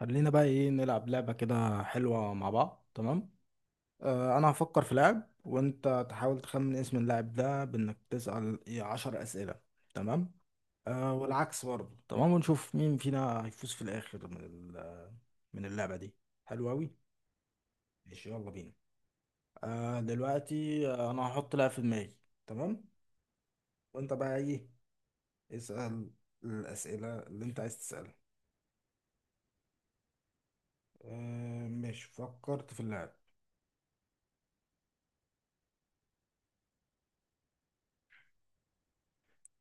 خلينا بقى ايه نلعب لعبة كده حلوة مع بعض. تمام، آه انا هفكر في لاعب وانت تحاول تخمن اسم اللاعب ده بانك تسأل إيه عشر اسئلة. تمام، آه والعكس برضه. تمام ونشوف مين فينا هيفوز في الاخر من اللعبة دي. حلوة اوي. ماشي يلا بينا. آه دلوقتي آه، انا هحط لاعب في دماغي. تمام. وانت بقى ايه؟ اسأل الاسئلة اللي انت عايز تسألها. آه ماشي، فكرت في اللاعب.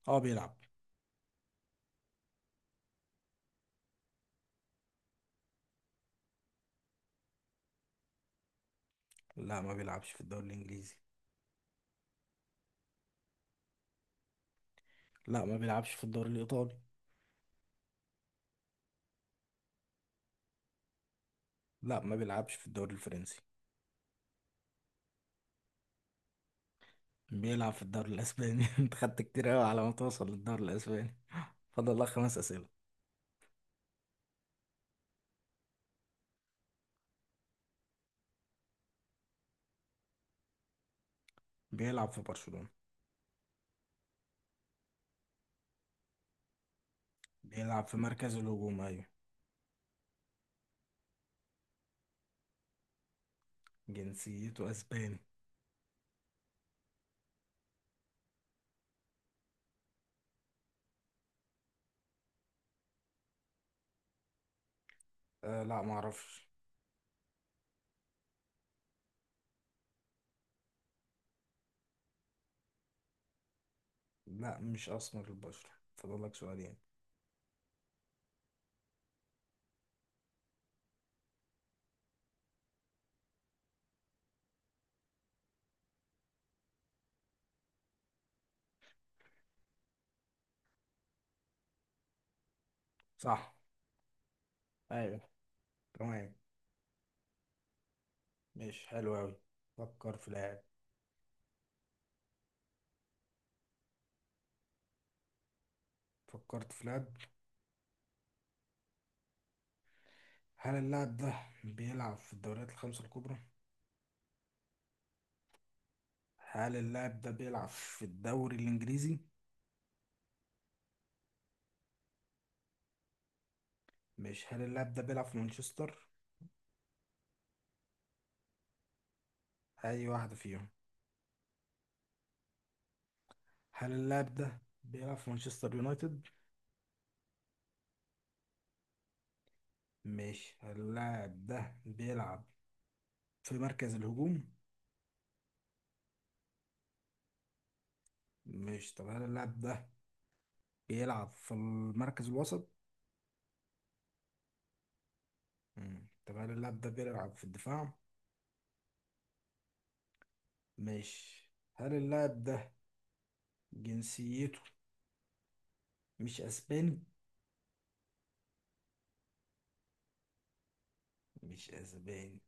اه بيلعب. لا ما بيلعبش في الدوري الانجليزي. لا ما بيلعبش في الدوري الإيطالي. لا ما بيلعبش في الدوري الفرنسي. بيلعب في الدوري الأسباني انت خدت كتير أوي على ما توصل للدوري الأسباني. فاضل لك خمس أسئلة. بيلعب في برشلونة. بيلعب في مركز الهجوم، أيوة. جنسيته أسباني. لا ما أعرفش. لا مش أسمر البشرة. فاضل لك سؤالين. صح، أيوة، تمام. ماشي حلو أوي. فكر في لاعب. فكرت في لاعب. هل اللاعب ده بيلعب في الدوريات الخمسة الكبرى؟ هل اللاعب ده بيلعب في الدوري الإنجليزي؟ مش هل اللاعب ده بيلعب في مانشستر؟ اي واحدة فيهم. هل اللاعب ده بيلعب في مانشستر يونايتد؟ مش هل اللاعب ده بيلعب في مركز الهجوم؟ مش طب هل اللاعب ده بيلعب في المركز الوسط؟ مم. طب هل اللاعب ده بيلعب في الدفاع؟ مش هل اللاعب ده جنسيته مش اسباني؟ مش اسباني.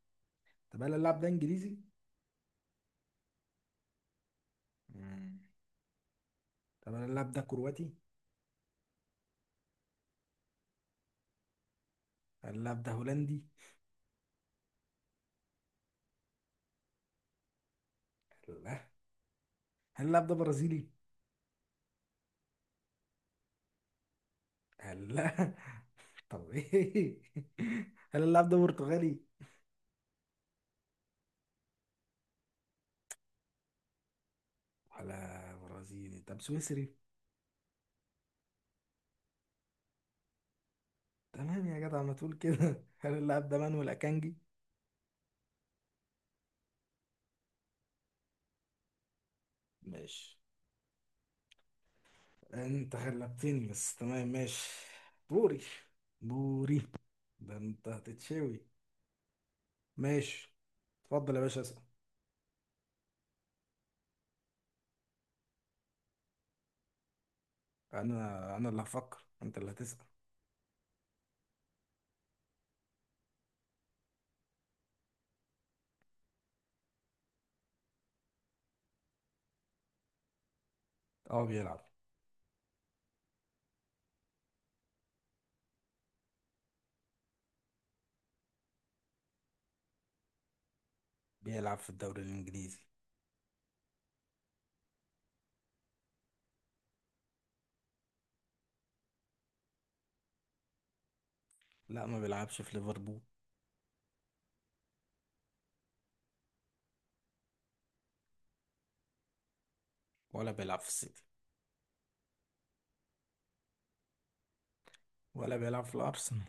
طب هل اللاعب ده انجليزي؟ مم. طب هل اللاعب ده كرواتي؟ هل اللاعب ده هولندي؟ لا. هل اللاعب ده برازيلي؟ لا طب ايه؟ هل اللاعب ده برتغالي؟ ولا برازيلي؟ طب سويسري؟ تمام يا جدع، ما تقول كده هل اللاعب ده مانويل اكانجي؟ ماشي، انت غلبتني بس، تمام ماشي. بوري بوري، ده انت هتتشوي. ماشي اتفضل يا باشا اسأل. انا اللي هفكر، انت اللي هتسأل. اه بيلعب. بيلعب في الدوري الانجليزي. لا ما بيلعبش في ليفربول. ولا بيلعب في السيتي. ولا بيلعب في الارسنال.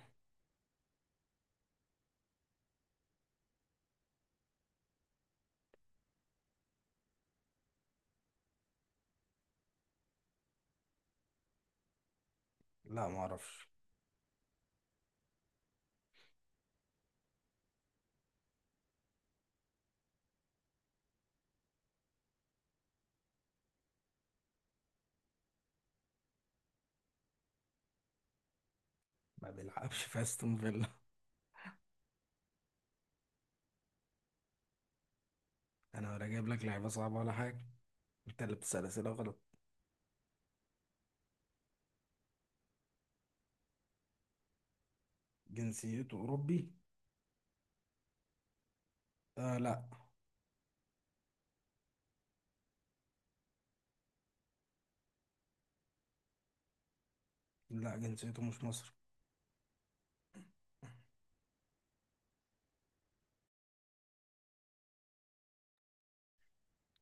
لا ما اعرفش. ما بيلعبش في استون فيلا. انا ولا جايب لك لعيبه صعبه ولا حاجه، انت اللي بتسال اسئله غلط. جنسيته اوروبي. لا، لا جنسيته مش مصري.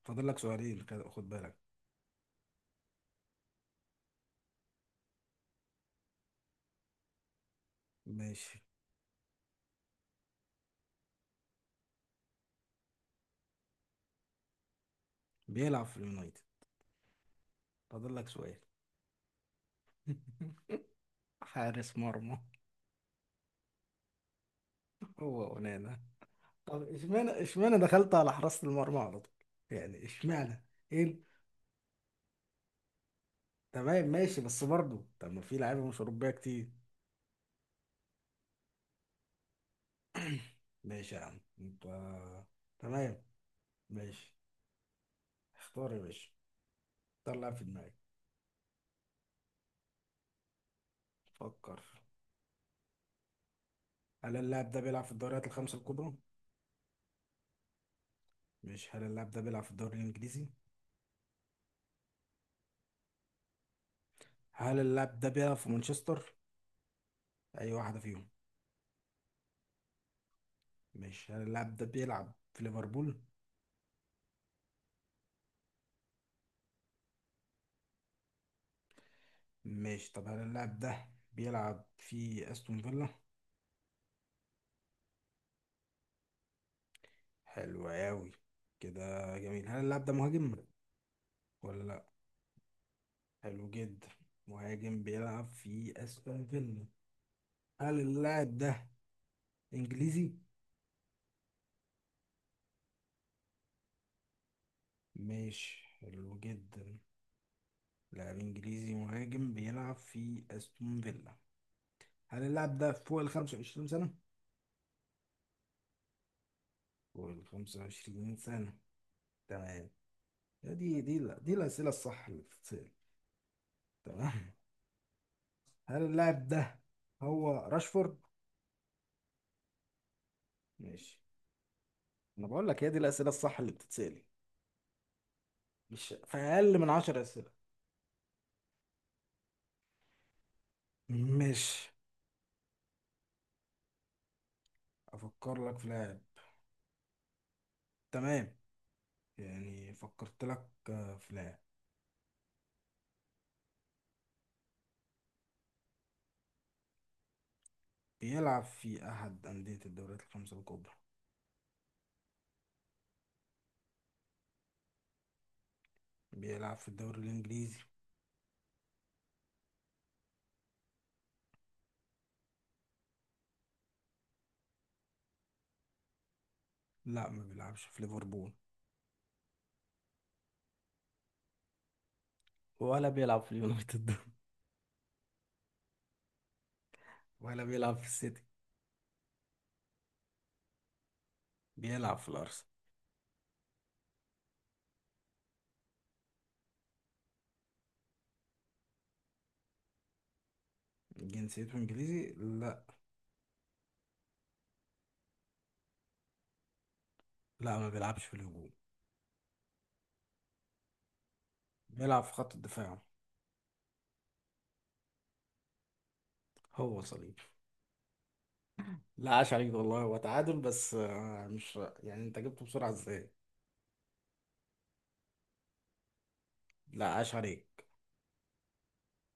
فاضل لك سؤالين كده، خد بالك. ماشي. بيلعب في اليونايتد. فاضل لك سؤال. حارس مرمى. هو ونانا. طب اشمعنى اشمعنى دخلت على حراسه المرمى على طول؟ يعني اشمعنى؟ ايه ال- تمام ماشي، بس برضه طب ما في لعيبه مش اوروبيه كتير. ماشي يا عم انت، تمام ماشي. اختار يا باشا، اختار لاعب في دماغك. فكر. هل اللاعب ده بيلعب في الدوريات الخمسة الكبرى؟ مش هل اللاعب ده بيلعب في الدوري الإنجليزي؟ هل اللاعب ده بيلعب في مانشستر؟ أي واحدة فيهم. مش هل اللاعب ده بيلعب في ليفربول؟ مش طب هل اللاعب ده بيلعب في أستون فيلا؟ حلو أوي كده جميل. هل اللاعب ده مهاجم ولا لأ؟ حلو جدا، مهاجم بيلعب في أستون فيلا. هل اللاعب ده إنجليزي؟ مش حلو جدا، لاعب إنجليزي مهاجم بيلعب في أستون فيلا. هل اللاعب ده فوق ال 25 سنة؟ فوق ال 25 سنة، تمام. دي دي لا- دي الأسئلة الصح اللي بتتسأل، تمام. هل اللاعب ده هو راشفورد؟ ماشي. أنا بقول لك هي دي الأسئلة الصح اللي بتتسأل، مش في أقل من 10 أسئلة. مش أفكر لك في لاعب، تمام. يعني فكرت لك آه، في لاعب بيلعب في أحد أندية الدوريات الخمسة الكبرى. بيلعب في الدوري الإنجليزي؟ لا ما بيلعبش في ليفربول. ولا بيلعب في اليونايتد. ولا بيلعب في السيتي. بيلعب في الأرسنال. جنسيته إنجليزي، لا. لا ما بيلعبش في الهجوم. بيلعب في خط الدفاع. هو صليب. لا عاش عليك والله، هو تعادل بس آه، مش يعني انت جبته بسرعة ازاي؟ لا عاش عليك.